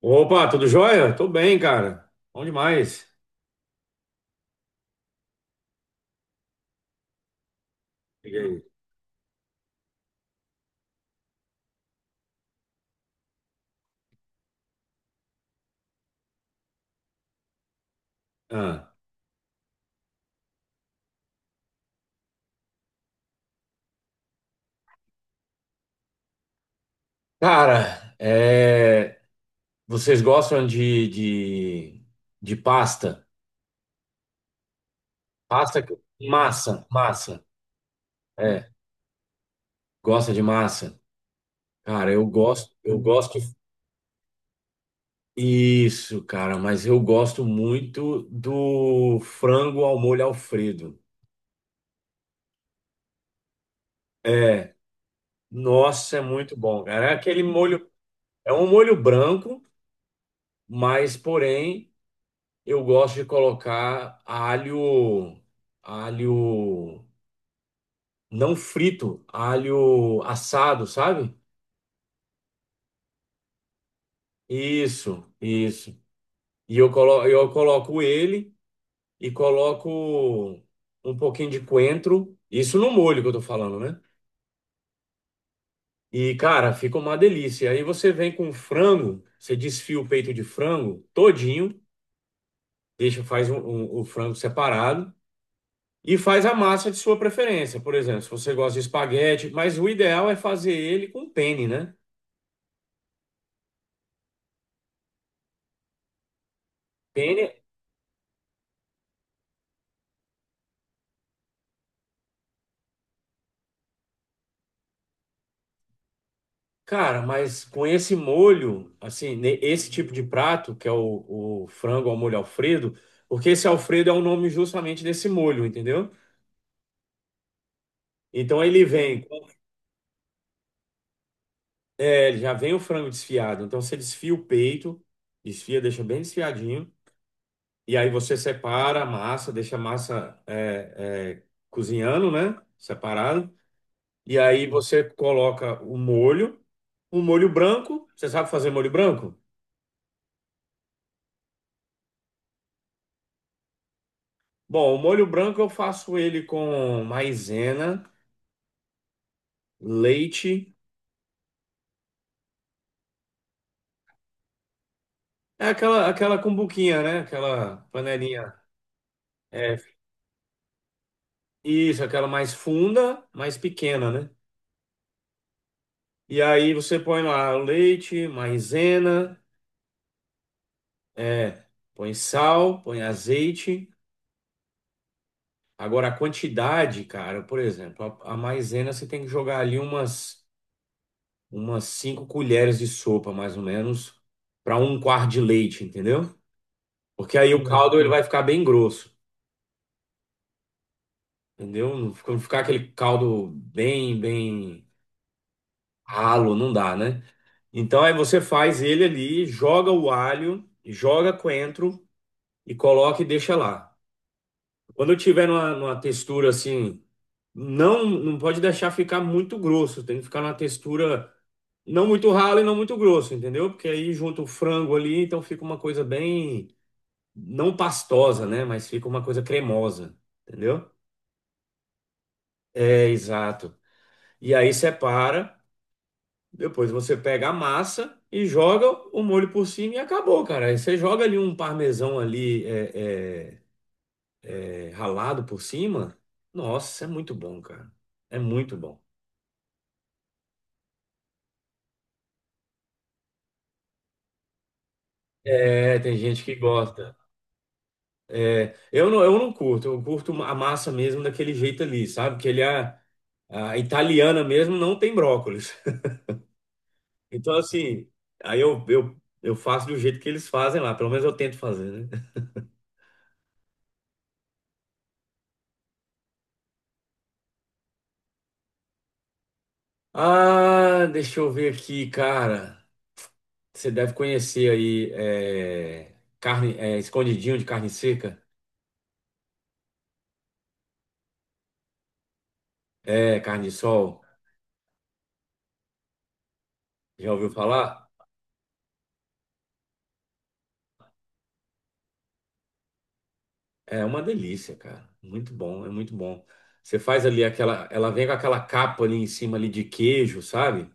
Opa, tudo jóia? Tô bem, cara. Bom demais. Diga aí. Ah. Cara, é, vocês gostam de pasta? Pasta, que- massa, massa. É, gosta de massa? Cara, eu gosto. Isso, cara, mas eu gosto muito do frango ao molho Alfredo. É, nossa, é muito bom, cara. É aquele molho, é um molho branco, mas porém eu gosto de colocar alho, alho não frito, alho assado, sabe? Isso, isso. E eu coloco ele e coloco um pouquinho de coentro, isso no molho que eu tô falando, né? E cara, fica uma delícia. Aí você vem com frango, você desfia o peito de frango todinho, deixa o frango separado. E faz a massa de sua preferência, por exemplo, se você gosta de espaguete, mas o ideal é fazer ele com penne, né? Penne, cara, mas com esse molho, assim, esse tipo de prato, que é o frango ao molho Alfredo, porque esse Alfredo é o nome justamente desse molho, entendeu? Então ele vem, com- é, ele já vem o frango desfiado, então você desfia o peito, desfia, deixa bem desfiadinho, e aí você separa a massa, deixa a massa cozinhando, né? Separado. E aí você coloca o molho, um molho branco. Você sabe fazer molho branco? Bom, o molho branco eu faço ele com maisena, leite, é aquela cumbuquinha, né? Aquela panelinha. É, isso, aquela mais funda, mais pequena, né? E aí você põe lá o leite, maisena, é, põe sal, põe azeite. Agora a quantidade, cara, por exemplo, a maisena você tem que jogar ali umas cinco colheres de sopa, mais ou menos, para um quarto de leite, entendeu? Porque aí o caldo ele uhum vai ficar bem grosso, entendeu? Não ficar aquele caldo bem ralo, não dá, né? Então aí você faz ele ali, joga o alho, joga coentro e coloca e deixa lá. Quando tiver numa textura assim, não pode deixar ficar muito grosso, tem que ficar numa textura não muito ralo e não muito grosso, entendeu? Porque aí junta o frango ali, então fica uma coisa bem não pastosa, né? Mas fica uma coisa cremosa, entendeu? É, exato. E aí separa, depois você pega a massa e joga o molho por cima e acabou, cara. Aí você joga ali um parmesão ali é, ralado por cima. Nossa, é muito bom, cara. É muito bom. É, tem gente que gosta. É, eu não curto, eu curto a massa mesmo daquele jeito ali, sabe? Que ele é, a italiana mesmo não tem brócolis. Então, assim, aí eu, eu, eu faço do jeito que eles fazem lá, pelo menos eu tento fazer, né? Ah, deixa eu ver aqui, cara. Você deve conhecer aí, é, carne, é, escondidinho de carne seca, é, carne de sol. Já ouviu falar? É uma delícia, cara. Muito bom, é muito bom. Você faz ali aquela, ela vem com aquela capa ali em cima ali de queijo, sabe?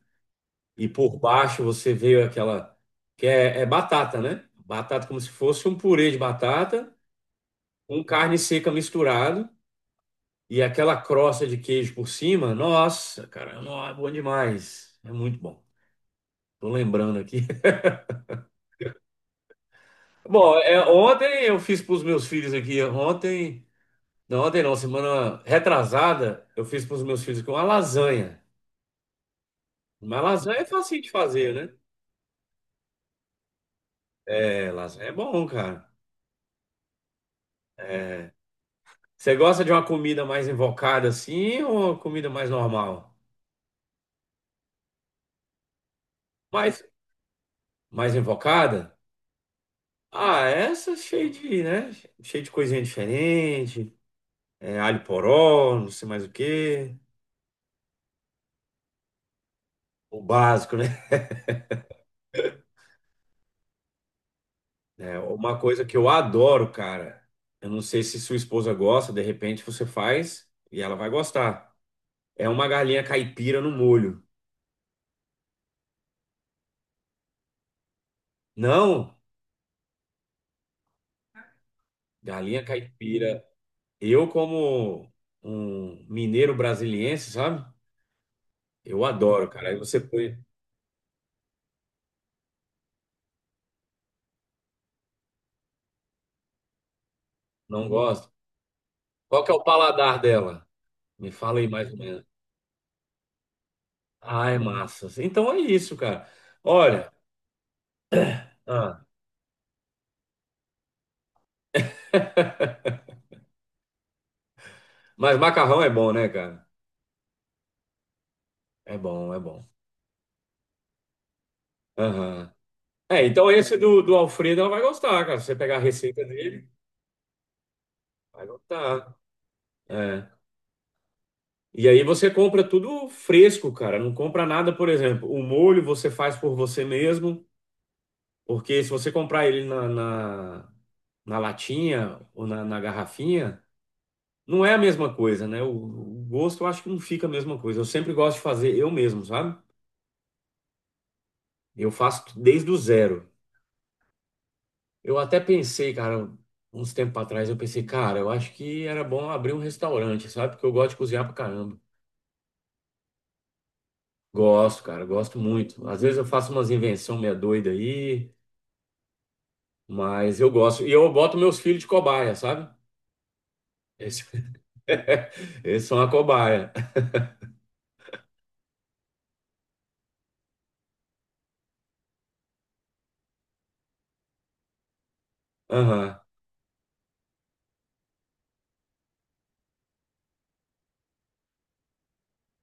E por baixo você vê aquela, que é é batata, né? Batata como se fosse um purê de batata, com carne seca misturado e aquela crosta de queijo por cima. Nossa, cara, nó, é bom demais. É muito bom. Tô lembrando aqui. Bom, é, ontem eu fiz para os meus filhos aqui. Ontem não, semana retrasada, eu fiz para os meus filhos aqui uma lasanha. Uma lasanha é facinho de fazer, né? É, lasanha é bom, cara. Você gosta de uma comida mais invocada assim ou uma comida mais normal? Mais, mais invocada? Ah, essa é cheia de, né? Cheia de coisinha diferente. É, alho poró, não sei mais o quê. O básico, né? É, uma coisa que eu adoro, cara. Eu não sei se sua esposa gosta, de repente você faz e ela vai gostar. É uma galinha caipira no molho. Não, galinha caipira. Eu, como um mineiro brasiliense, sabe? Eu adoro, cara. Aí você põe, não gosta. Qual que é o paladar dela? Me fala aí mais ou menos. Ai, massas. Então é isso, cara. Olha, ah, mas macarrão é bom, né, cara? É bom, é bom. Aham. É, então esse do Alfredo ela vai gostar, cara. Se você pegar a receita dele, vai gostar. É. E aí você compra tudo fresco, cara. Não compra nada, por exemplo, o molho você faz por você mesmo, porque se você comprar ele na latinha ou na garrafinha, não é a mesma coisa, né? O gosto eu acho que não fica a mesma coisa. Eu sempre gosto de fazer eu mesmo, sabe? Eu faço desde o zero. Eu até pensei, cara, uns tempos atrás, eu pensei, cara, eu acho que era bom abrir um restaurante, sabe? Porque eu gosto de cozinhar pra caramba. Gosto, cara, gosto muito. Às vezes eu faço umas invenções meia doida aí, mas eu gosto. E eu boto meus filhos de cobaia, sabe? Eles, eles são a cobaia. Aham.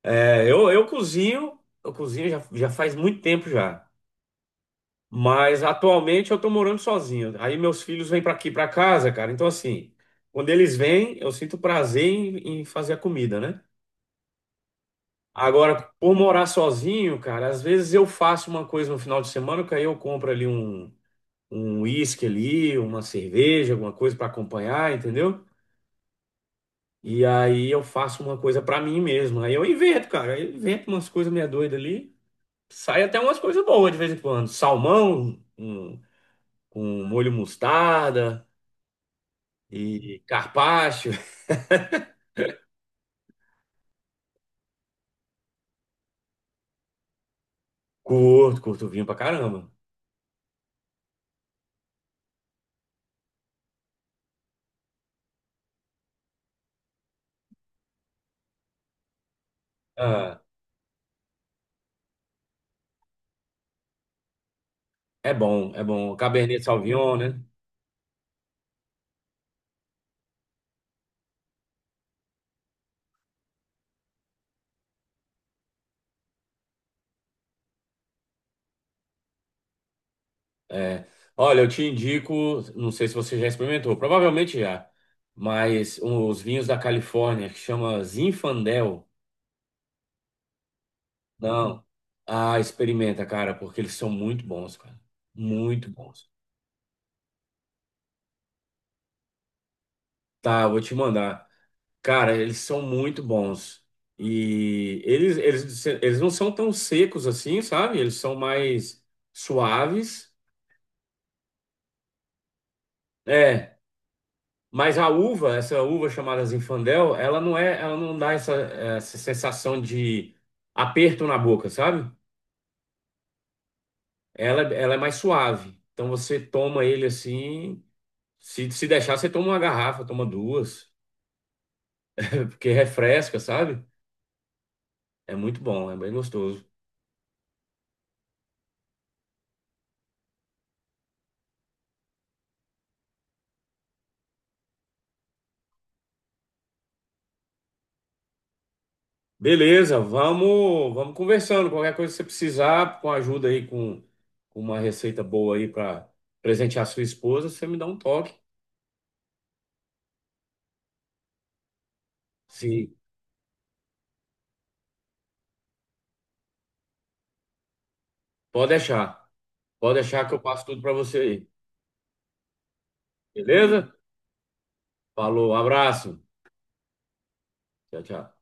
É, eu cozinho já faz muito tempo já. Mas atualmente eu tô morando sozinho. Aí meus filhos vêm para aqui para casa, cara. Então assim, quando eles vêm, eu sinto prazer em fazer a comida, né? Agora, por morar sozinho, cara, às vezes eu faço uma coisa no final de semana, que aí eu compro ali um uísque ali, uma cerveja, alguma coisa para acompanhar, entendeu? E aí eu faço uma coisa para mim mesmo. Aí eu invento, cara. Eu invento umas coisas meia doidas ali. Sai até umas coisas boas de vez em quando. Salmão, um, com molho mostarda. E carpaccio, curto, curto vinho pra caramba. Ah, é bom, é bom. Cabernet Sauvignon, né? É. Olha, eu te indico, não sei se você já experimentou, provavelmente já, mas os vinhos da Califórnia, que chama Zinfandel, não. Ah, experimenta, cara, porque eles são muito bons, cara. Muito bons. Tá, eu vou te mandar. Cara, eles são muito bons. E eles não são tão secos assim, sabe? Eles são mais suaves. É, mas a uva, essa uva chamada Zinfandel, ela não dá essa sensação de aperto na boca, sabe? Ela é mais suave. Então você toma ele assim, se deixar, você toma uma garrafa, toma duas, porque refresca, sabe? É muito bom, é bem gostoso. Beleza, vamos conversando. Qualquer coisa que você precisar, com ajuda aí, com uma receita boa aí para presentear sua esposa, você me dá um toque. Sim, pode deixar. Pode deixar que eu passo tudo para você aí. Beleza? Falou, abraço. Tchau, tchau.